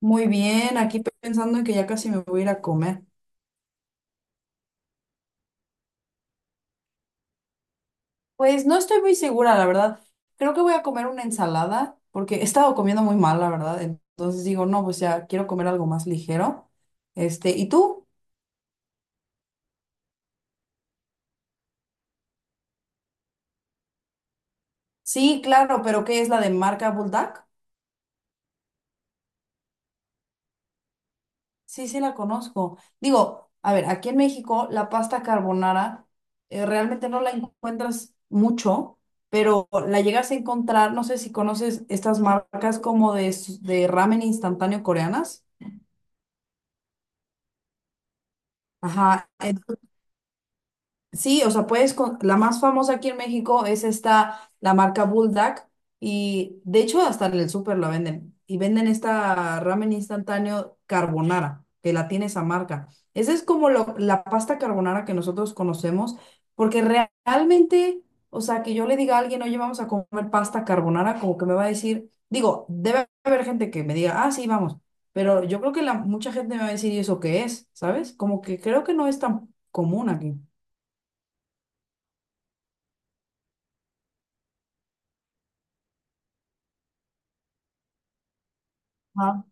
Muy bien, aquí pensando en que ya casi me voy a ir a comer. Pues no estoy muy segura, la verdad. Creo que voy a comer una ensalada porque he estado comiendo muy mal, la verdad. Entonces digo, no, pues ya quiero comer algo más ligero. ¿Y tú? Sí, claro, pero ¿qué es la de marca Bulldog? Sí, sí la conozco. Digo, a ver, aquí en México la pasta carbonara realmente no la encuentras mucho, pero la llegas a encontrar, no sé si conoces estas marcas como de, de ramen instantáneo coreanas. Ajá, sí, o sea, la más famosa aquí en México es esta, la marca Bulldog, y de hecho hasta en el súper la venden, y venden esta ramen instantáneo carbonara, que la tiene esa marca. Esa es como la pasta carbonara que nosotros conocemos, porque realmente, o sea, que yo le diga a alguien, oye, vamos a comer pasta carbonara, como que me va a decir, digo, debe haber gente que me diga, ah, sí, vamos, pero yo creo que mucha gente me va a decir, ¿y eso qué es? ¿Sabes? Como que creo que no es tan común aquí. Ajá.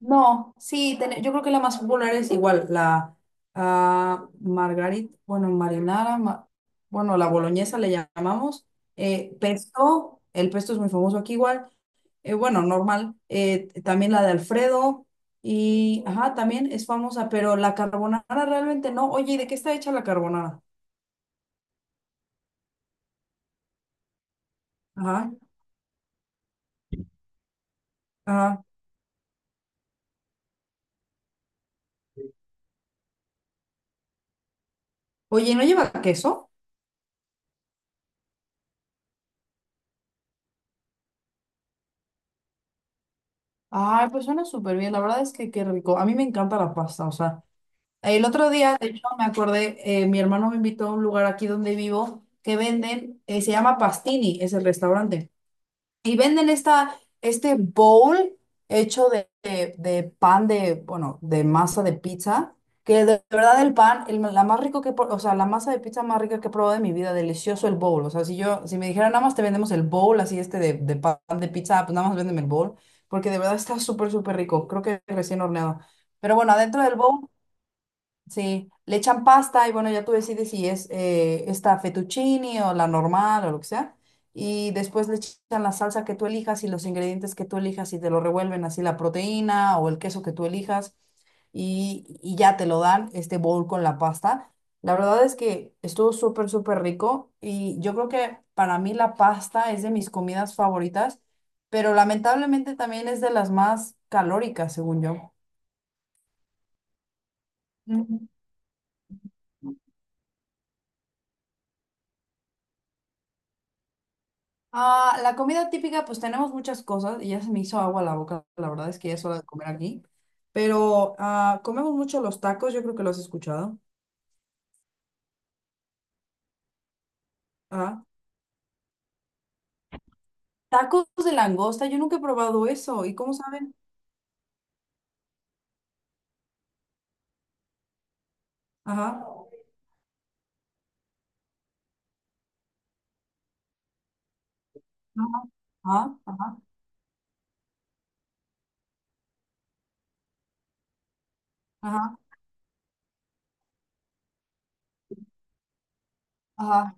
No, sí, yo creo que la más popular es igual, la margarita, bueno, marinara, bueno, la boloñesa le llamamos, pesto, el pesto es muy famoso aquí igual, bueno, normal, también la de Alfredo y, ajá, también es famosa, pero la carbonara realmente no. Oye, ¿y de qué está hecha la carbonara? Ajá, ajá. Oye, ¿no lleva queso? Ay, pues suena súper bien, la verdad es que qué rico, a mí me encanta la pasta, o sea. El otro día, de hecho, me acordé, mi hermano me invitó a un lugar aquí donde vivo que venden, se llama Pastini, es el restaurante, y venden esta, este bowl hecho de, de pan de, bueno, de masa de pizza, que de verdad el pan, la más rico que, o sea, la masa de pizza más rica que he probado de mi vida, delicioso el bowl, o sea, si yo, si me dijeran nada más te vendemos el bowl, así este de pan de pizza, pues nada más véndeme el bowl, porque de verdad está súper, súper rico, creo que recién horneado. Pero bueno, sí, le echan pasta y bueno, ya tú decides si es esta fettuccine o la normal o lo que sea. Y después le echan la salsa que tú elijas y los ingredientes que tú elijas y te lo revuelven así la proteína o el queso que tú elijas y ya te lo dan este bowl con la pasta. La verdad es que estuvo súper, súper rico y yo creo que para mí la pasta es de mis comidas favoritas, pero lamentablemente también es de las más calóricas, según yo. Ah, la comida típica, pues tenemos muchas cosas y ya se me hizo agua la boca, la verdad es que ya es hora de comer aquí. Pero comemos mucho los tacos, yo creo que los has escuchado. Ajá. Tacos de langosta, yo nunca he probado eso. ¿Y cómo saben? Ajá. Ajá, ajá, ajá, ajá.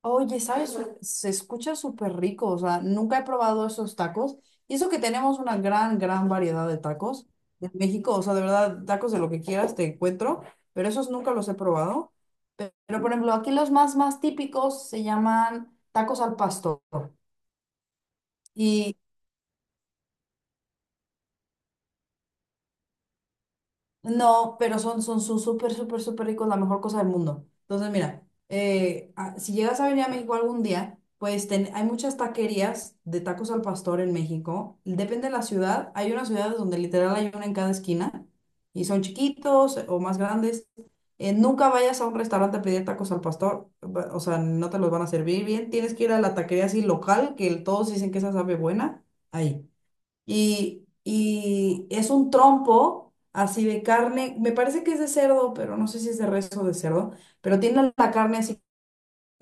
Oye, ¿sabes? Se escucha súper rico, o sea, nunca he probado esos tacos. Y eso que tenemos una gran, gran variedad de tacos en México, o sea, de verdad, tacos de lo que quieras te encuentro, pero esos nunca los he probado. Pero por ejemplo, aquí los más, más típicos se llaman tacos al pastor. Y no, pero son súper, súper, súper ricos, la mejor cosa del mundo. Entonces, mira, si llegas a venir a México algún día, pues hay muchas taquerías de tacos al pastor en México. Depende de la ciudad. Hay unas ciudades donde literal hay una en cada esquina y son chiquitos o más grandes. Nunca vayas a un restaurante a pedir tacos al pastor, o sea, no te los van a servir bien. Tienes que ir a la taquería así local, que todos dicen que esa sabe buena. Ahí. Y es un trompo así de carne, me parece que es de cerdo, pero no sé si es de res o de cerdo, pero tiene la carne así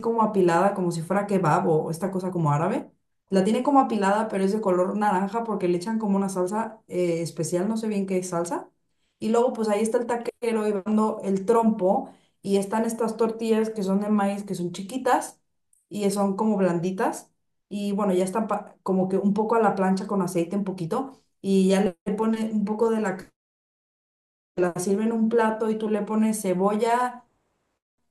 como apilada, como si fuera kebab o esta cosa como árabe. La tiene como apilada, pero es de color naranja porque le echan como una salsa especial, no sé bien qué salsa. Y luego, pues ahí está el taquero y va dando el trompo. Y están estas tortillas que son de maíz, que son chiquitas y son como blanditas. Y bueno, ya están como que un poco a la plancha con aceite, un poquito. Y ya le pone un poco la sirven en un plato y tú le pones cebolla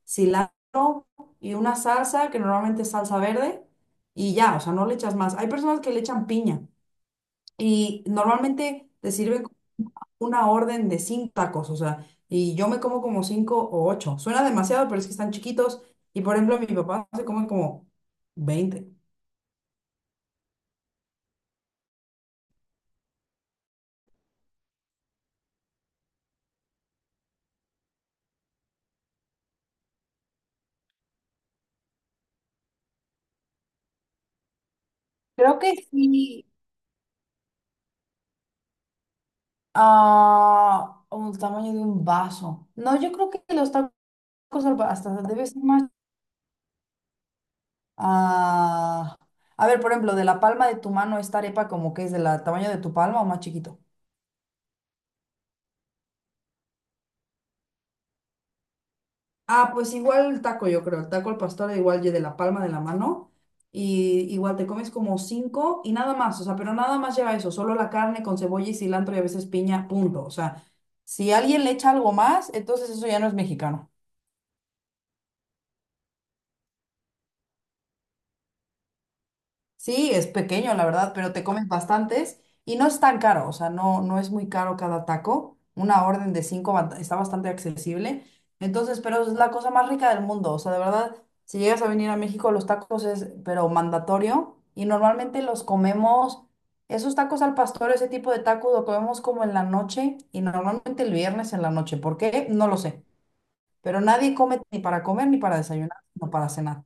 cilantro y una salsa, que normalmente es salsa verde, y ya, o sea, no le echas más. Hay personas que le echan piña y normalmente te sirven una orden de cinco tacos, o sea, y yo me como como cinco o ocho. Suena demasiado, pero es que están chiquitos y, por ejemplo, mi papá se come como 20. Creo que sí, a un tamaño de un vaso. No, yo creo que los tacos hasta debe ser más. Ah, a ver, por ejemplo, de la palma de tu mano, esta arepa como que es del tamaño de tu palma o más chiquito. Ah, pues igual el taco, yo creo. El taco al pastor, igual y de la palma de la mano. Y igual te comes como cinco y nada más. O sea, pero nada más lleva eso. Solo la carne con cebolla y cilantro y a veces piña, punto. O sea, si alguien le echa algo más, entonces eso ya no es mexicano. Sí, es pequeño, la verdad, pero te comes bastantes y no es tan caro, o sea, no, no es muy caro cada taco. Una orden de cinco está bastante accesible. Entonces, pero es la cosa más rica del mundo, o sea, de verdad, si llegas a venir a México, los tacos es, pero mandatorio y normalmente los comemos, esos tacos al pastor, ese tipo de tacos lo comemos como en la noche y normalmente el viernes en la noche. ¿Por qué? No lo sé, pero nadie come ni para comer ni para desayunar, no para cenar.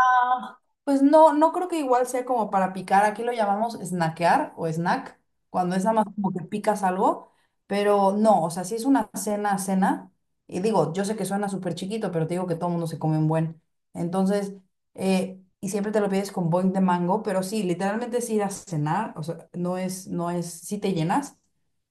Ah, pues no, no creo que igual sea como para picar. Aquí lo llamamos snackear o snack, cuando es nada más como que picas algo, pero no, o sea, si es una cena, cena, y digo, yo sé que suena súper chiquito, pero te digo que todo el mundo se come un buen. Entonces, y siempre te lo pides con boing de mango, pero sí, literalmente es ir a cenar, o sea, no es, sí te llenas,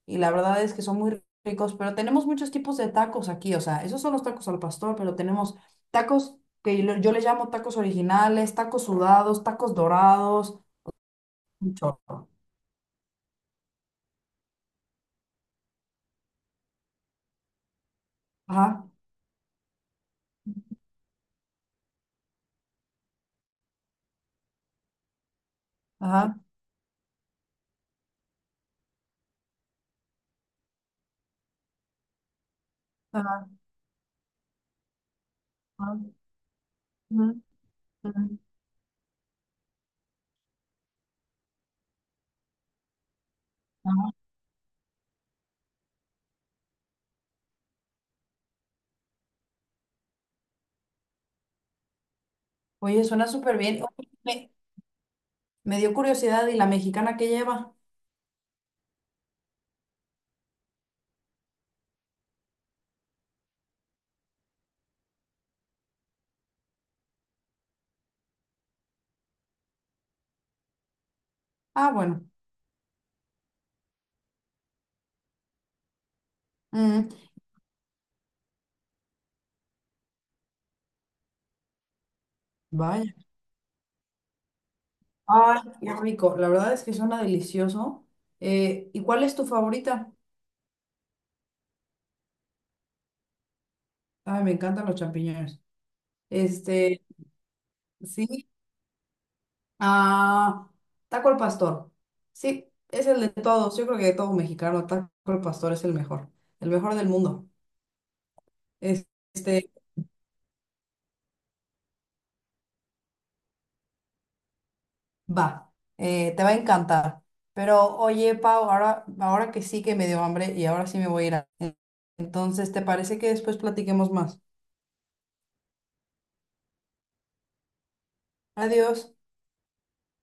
y la verdad es que son muy ricos, pero tenemos muchos tipos de tacos aquí, o sea, esos son los tacos al pastor, pero tenemos tacos que yo le llamo tacos originales, tacos sudados, tacos dorados, un chorro. Ajá, ajá, ajá, ajá, ujú, ujú, ajá. Oye, suena súper bien. Oye, me dio curiosidad, ¿y la mexicana que lleva? Ah, bueno. Mm, vaya. Ay, qué rico. La verdad es que suena delicioso. ¿Y cuál es tu favorita? Ay, me encantan los champiñones. Este, sí, Ah, taco al pastor. Sí, es el de todos. Yo creo que de todo mexicano, taco al pastor es el mejor del mundo. Es- Este, va, te va a encantar. Pero oye, Pau, ahora que sí que me dio hambre y ahora sí me voy a ir. Entonces, ¿te parece que después platiquemos más? Adiós.